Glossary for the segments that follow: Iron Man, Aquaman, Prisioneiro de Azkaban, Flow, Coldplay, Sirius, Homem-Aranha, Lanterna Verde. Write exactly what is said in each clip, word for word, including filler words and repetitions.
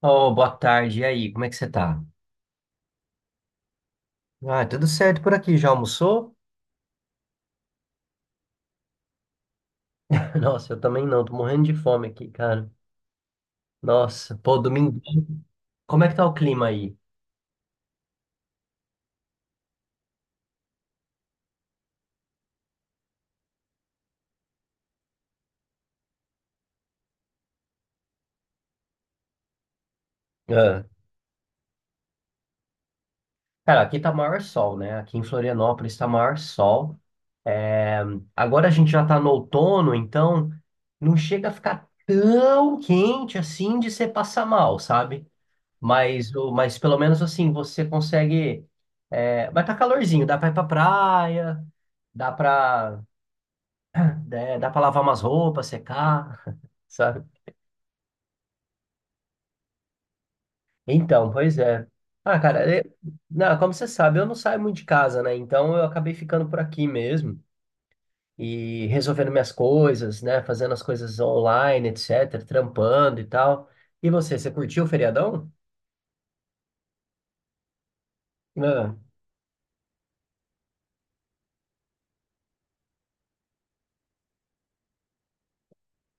Oh, boa tarde. E aí, como é que você tá? Ah, tudo certo por aqui. Já almoçou? Nossa, eu também não. Tô morrendo de fome aqui, cara. Nossa, pô, domingo. Como é que tá o clima aí? Ah. Cara, aqui tá maior sol, né? Aqui em Florianópolis tá maior sol. É, agora a gente já tá no outono, então não chega a ficar tão quente assim de você passar mal, sabe? Mas, o- mas pelo menos assim, você consegue. É, vai tá calorzinho, dá pra ir pra praia, dá pra. Né? Dá pra lavar umas roupas, secar, sabe? Então, pois é. Ah, cara, é- não, como você sabe, eu não saio muito de casa, né? Então eu acabei ficando por aqui mesmo e resolvendo minhas coisas, né? Fazendo as coisas online, et cetera, trampando e tal. E você, você curtiu o feriadão? Ah,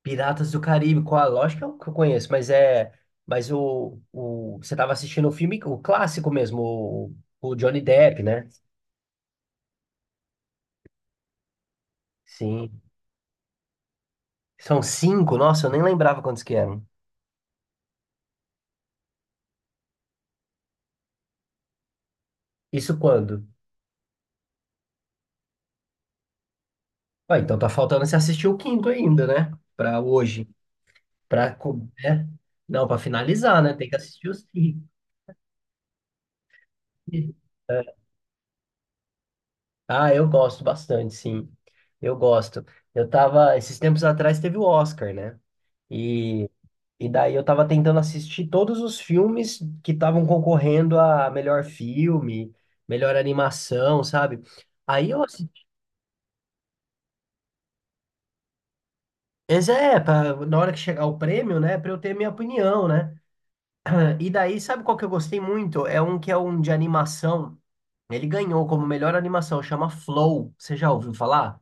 Piratas do Caribe, qual? Lógico que eu que eu conheço, mas é. Mas o, o. Você tava assistindo o filme, o clássico mesmo, o, o Johnny Depp, né? Sim. São cinco, nossa, eu nem lembrava quantos que eram. Isso quando? Ah, então tá faltando você assistir o quinto ainda, né? Pra hoje. Pra, co- né? Não, pra finalizar, né? Tem que assistir os cinco. É. Ah, eu gosto bastante, sim. Eu gosto. Eu tava, esses tempos atrás teve o Oscar, né? E, e daí eu tava tentando assistir todos os filmes que estavam concorrendo a melhor filme, melhor animação, sabe? Aí eu assisti. Mas é, pra, na hora que chegar o prêmio, né? Pra eu ter minha opinião, né? E daí, sabe qual que eu gostei muito? É um que é um de animação. Ele ganhou como melhor animação, chama Flow. Você já ouviu falar?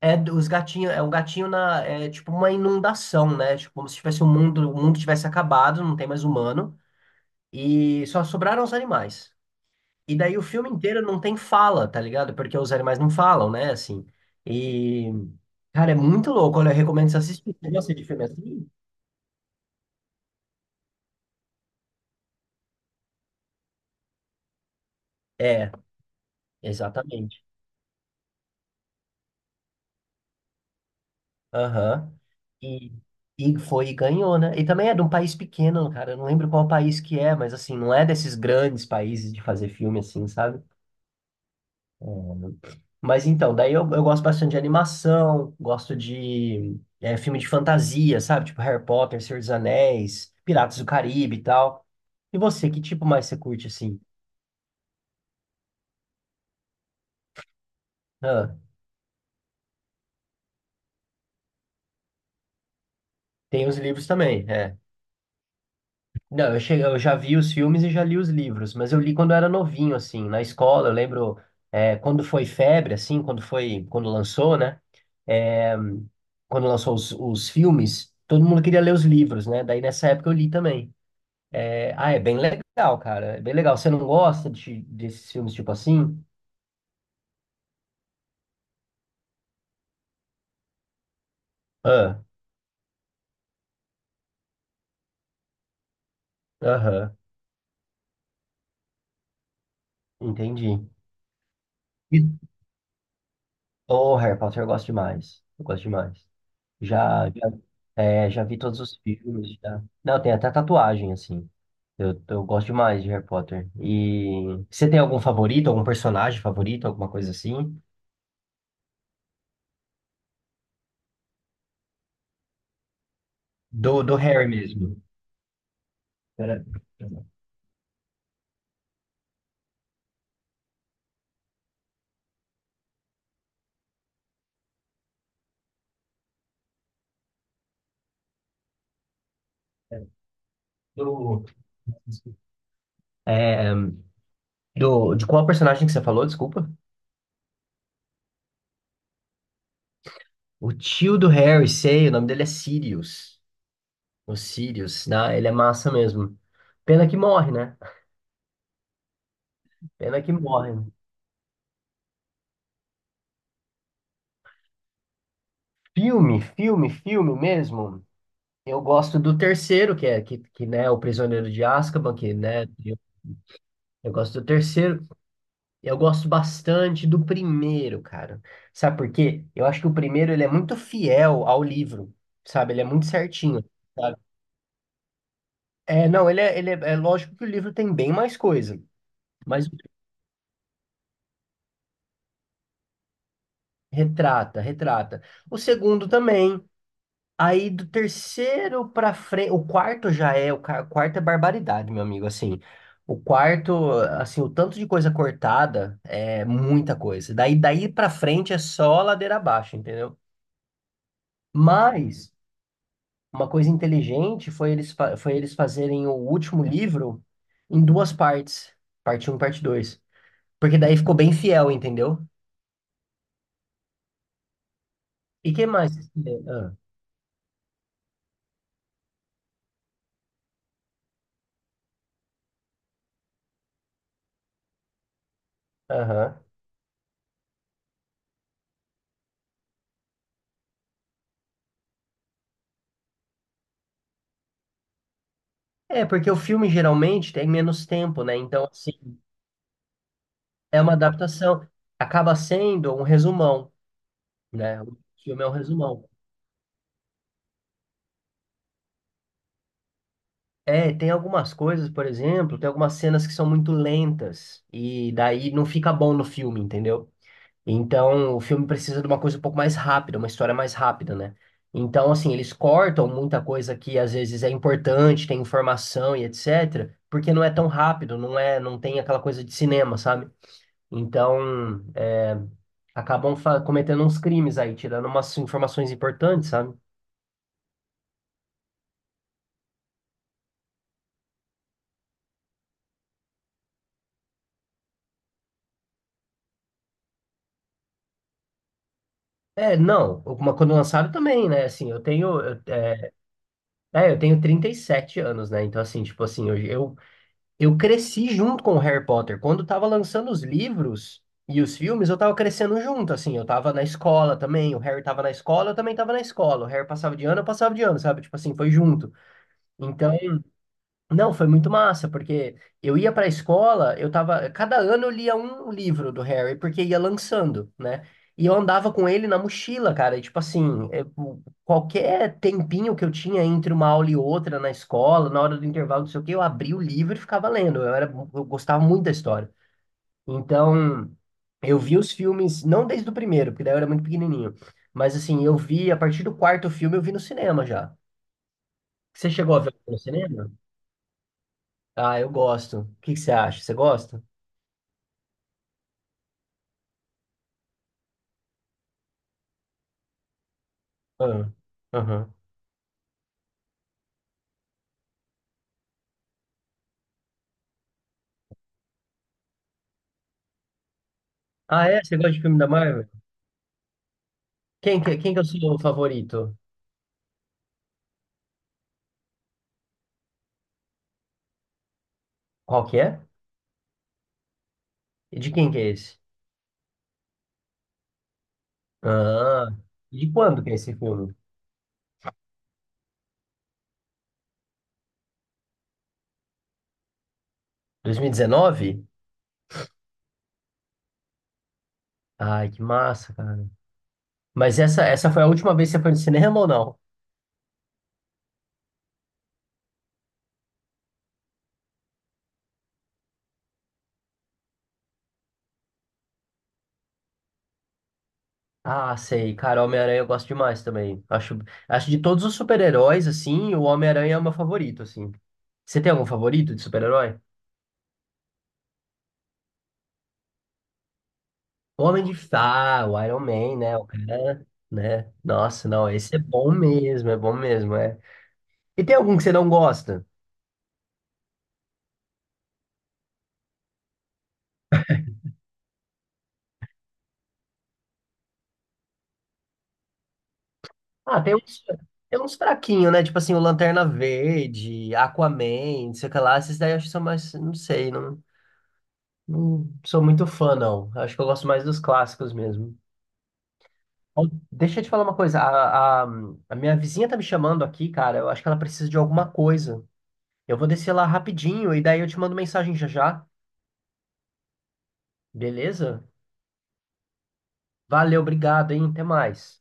É dos gatinhos, é um gatinho na, é tipo uma inundação, né? Tipo como se tivesse o mundo, o mundo tivesse acabado, não tem mais humano e só sobraram os animais. E daí o filme inteiro não tem fala, tá ligado? Porque os animais não falam, né? Assim. E cara, é muito louco. Olha, eu recomendo você assistir. Você gosta de filme assim? É, exatamente. Aham. E, e foi e ganhou, né? E também é de um país pequeno, cara. Eu não lembro qual país que é, mas assim, não é desses grandes países de fazer filme assim, sabe? É, mas então, daí eu, eu gosto bastante de animação, gosto de é, filme de fantasia, sabe? Tipo Harry Potter, Senhor dos Anéis, Piratas do Caribe e tal. E você, que tipo mais você curte assim? Ah, tem os livros também, é. Não, eu, cheguei, eu já vi os filmes e já li os livros, mas eu li quando era novinho, assim, na escola. Eu lembro é, quando foi febre, assim, quando foi, quando lançou, né? É, quando lançou os, os filmes, todo mundo queria ler os livros, né? Daí nessa época eu li também. É, ah, é bem legal, cara. É bem legal. Você não gosta de, desses filmes tipo assim? Ah, aham, entendi. E- Oh, Harry Potter, eu gosto demais. Eu gosto demais. Já, já, é, já vi todos os filmes, já. Não, tem até tatuagem, assim. Eu, eu gosto demais de Harry Potter. E você tem algum favorito, algum personagem favorito, alguma coisa assim? Do, do Harry mesmo. Pera- Do, é, do, de qual personagem que você falou, desculpa? O tio do Harry, sei, o nome dele é Sirius. O Sirius, né? Ele é massa mesmo. Pena que morre, né? Pena que morre. Filme, filme, filme mesmo. Eu gosto do terceiro, que é que, que né, o Prisioneiro de Azkaban, que né, eu, eu gosto do terceiro. Eu gosto bastante do primeiro, cara. Sabe por quê? Eu acho que o primeiro ele é muito fiel ao livro, sabe? Ele é muito certinho. Sabe? É, não, ele é, ele é, é lógico que o livro tem bem mais coisa, mas retrata, retrata. O segundo também, aí do terceiro pra frente, o quarto já é, o ca- quarto é barbaridade, meu amigo, assim. O quarto, assim, o tanto de coisa cortada é muita coisa. Daí daí para frente é só ladeira abaixo, entendeu? Mas uma coisa inteligente foi eles fa- foi eles fazerem o último livro em duas partes, parte um, parte dois, porque daí ficou bem fiel, entendeu? E que mais? Vocês fizeram? Ah, aham. É, porque o filme geralmente tem menos tempo, né? Então, é uma adaptação. Acaba sendo um resumão, né? O filme é um resumão. É, tem algumas coisas, por exemplo, tem algumas cenas que são muito lentas e daí não fica bom no filme, entendeu? Então, o filme precisa de uma coisa um pouco mais rápida, uma história mais rápida, né? Então, assim, eles cortam muita coisa que às vezes é importante, tem informação e etc, porque não é tão rápido, não é, não tem aquela coisa de cinema, sabe? Então, é, acabam fa- cometendo uns crimes aí, tirando umas informações importantes, sabe? É, não, uma quando lançaram também, né? Assim, eu tenho, eu, é, é, eu tenho trinta e sete anos, né? Então, assim, tipo assim, eu, eu, eu cresci junto com o Harry Potter. Quando tava lançando os livros e os filmes, eu tava crescendo junto, assim, eu tava na escola também, o Harry tava na escola, eu também tava na escola, o Harry passava de ano, eu passava de ano, sabe? Tipo assim, foi junto. Então, não, foi muito massa, porque eu ia para a escola, eu tava, cada ano eu lia um livro do Harry, porque ia lançando, né? E eu andava com ele na mochila, cara, e, tipo assim, é, o- qualquer tempinho que eu tinha entre uma aula e outra na escola, na hora do intervalo, não sei o quê, eu abria o livro e ficava lendo. Eu era, eu gostava muito da história. Então, eu vi os filmes, não desde o primeiro, porque daí eu era muito pequenininho, mas assim, eu vi a partir do quarto filme, eu vi no cinema já. Você chegou a ver no cinema? Ah, eu gosto. O que que você acha? Você gosta? Ah, aham. Ah, é? Você gosta de filme da Marvel? Quem que, quem que é o seu favorito? Qual que é? E de quem que é esse? Ah, e de quando que é esse filme? dois mil e dezenove? Ai, que massa, cara. Mas essa, essa foi a última vez que você foi no cinema ou não? Ah, sei. Cara, Homem-Aranha eu gosto demais também. Acho, acho de todos os super-heróis, assim, o Homem-Aranha é o meu favorito, assim. Você tem algum favorito de super-herói? Homem de Ferro, o Iron Man, né? O cara, né? Nossa, não, esse é bom mesmo, é bom mesmo, é. E tem algum que você não gosta? Ah, tem uns, tem uns fraquinhos, né? Tipo assim, o Lanterna Verde, Aquaman, não sei o que lá. Esses daí eu acho que são mais, não sei, não, não sou muito fã, não. Acho que eu gosto mais dos clássicos mesmo. Ó, deixa eu te falar uma coisa, a, a, a minha vizinha tá me chamando aqui, cara, eu acho que ela precisa de alguma coisa. Eu vou descer lá rapidinho e daí eu te mando mensagem já já, beleza? Valeu, obrigado, hein? Até mais.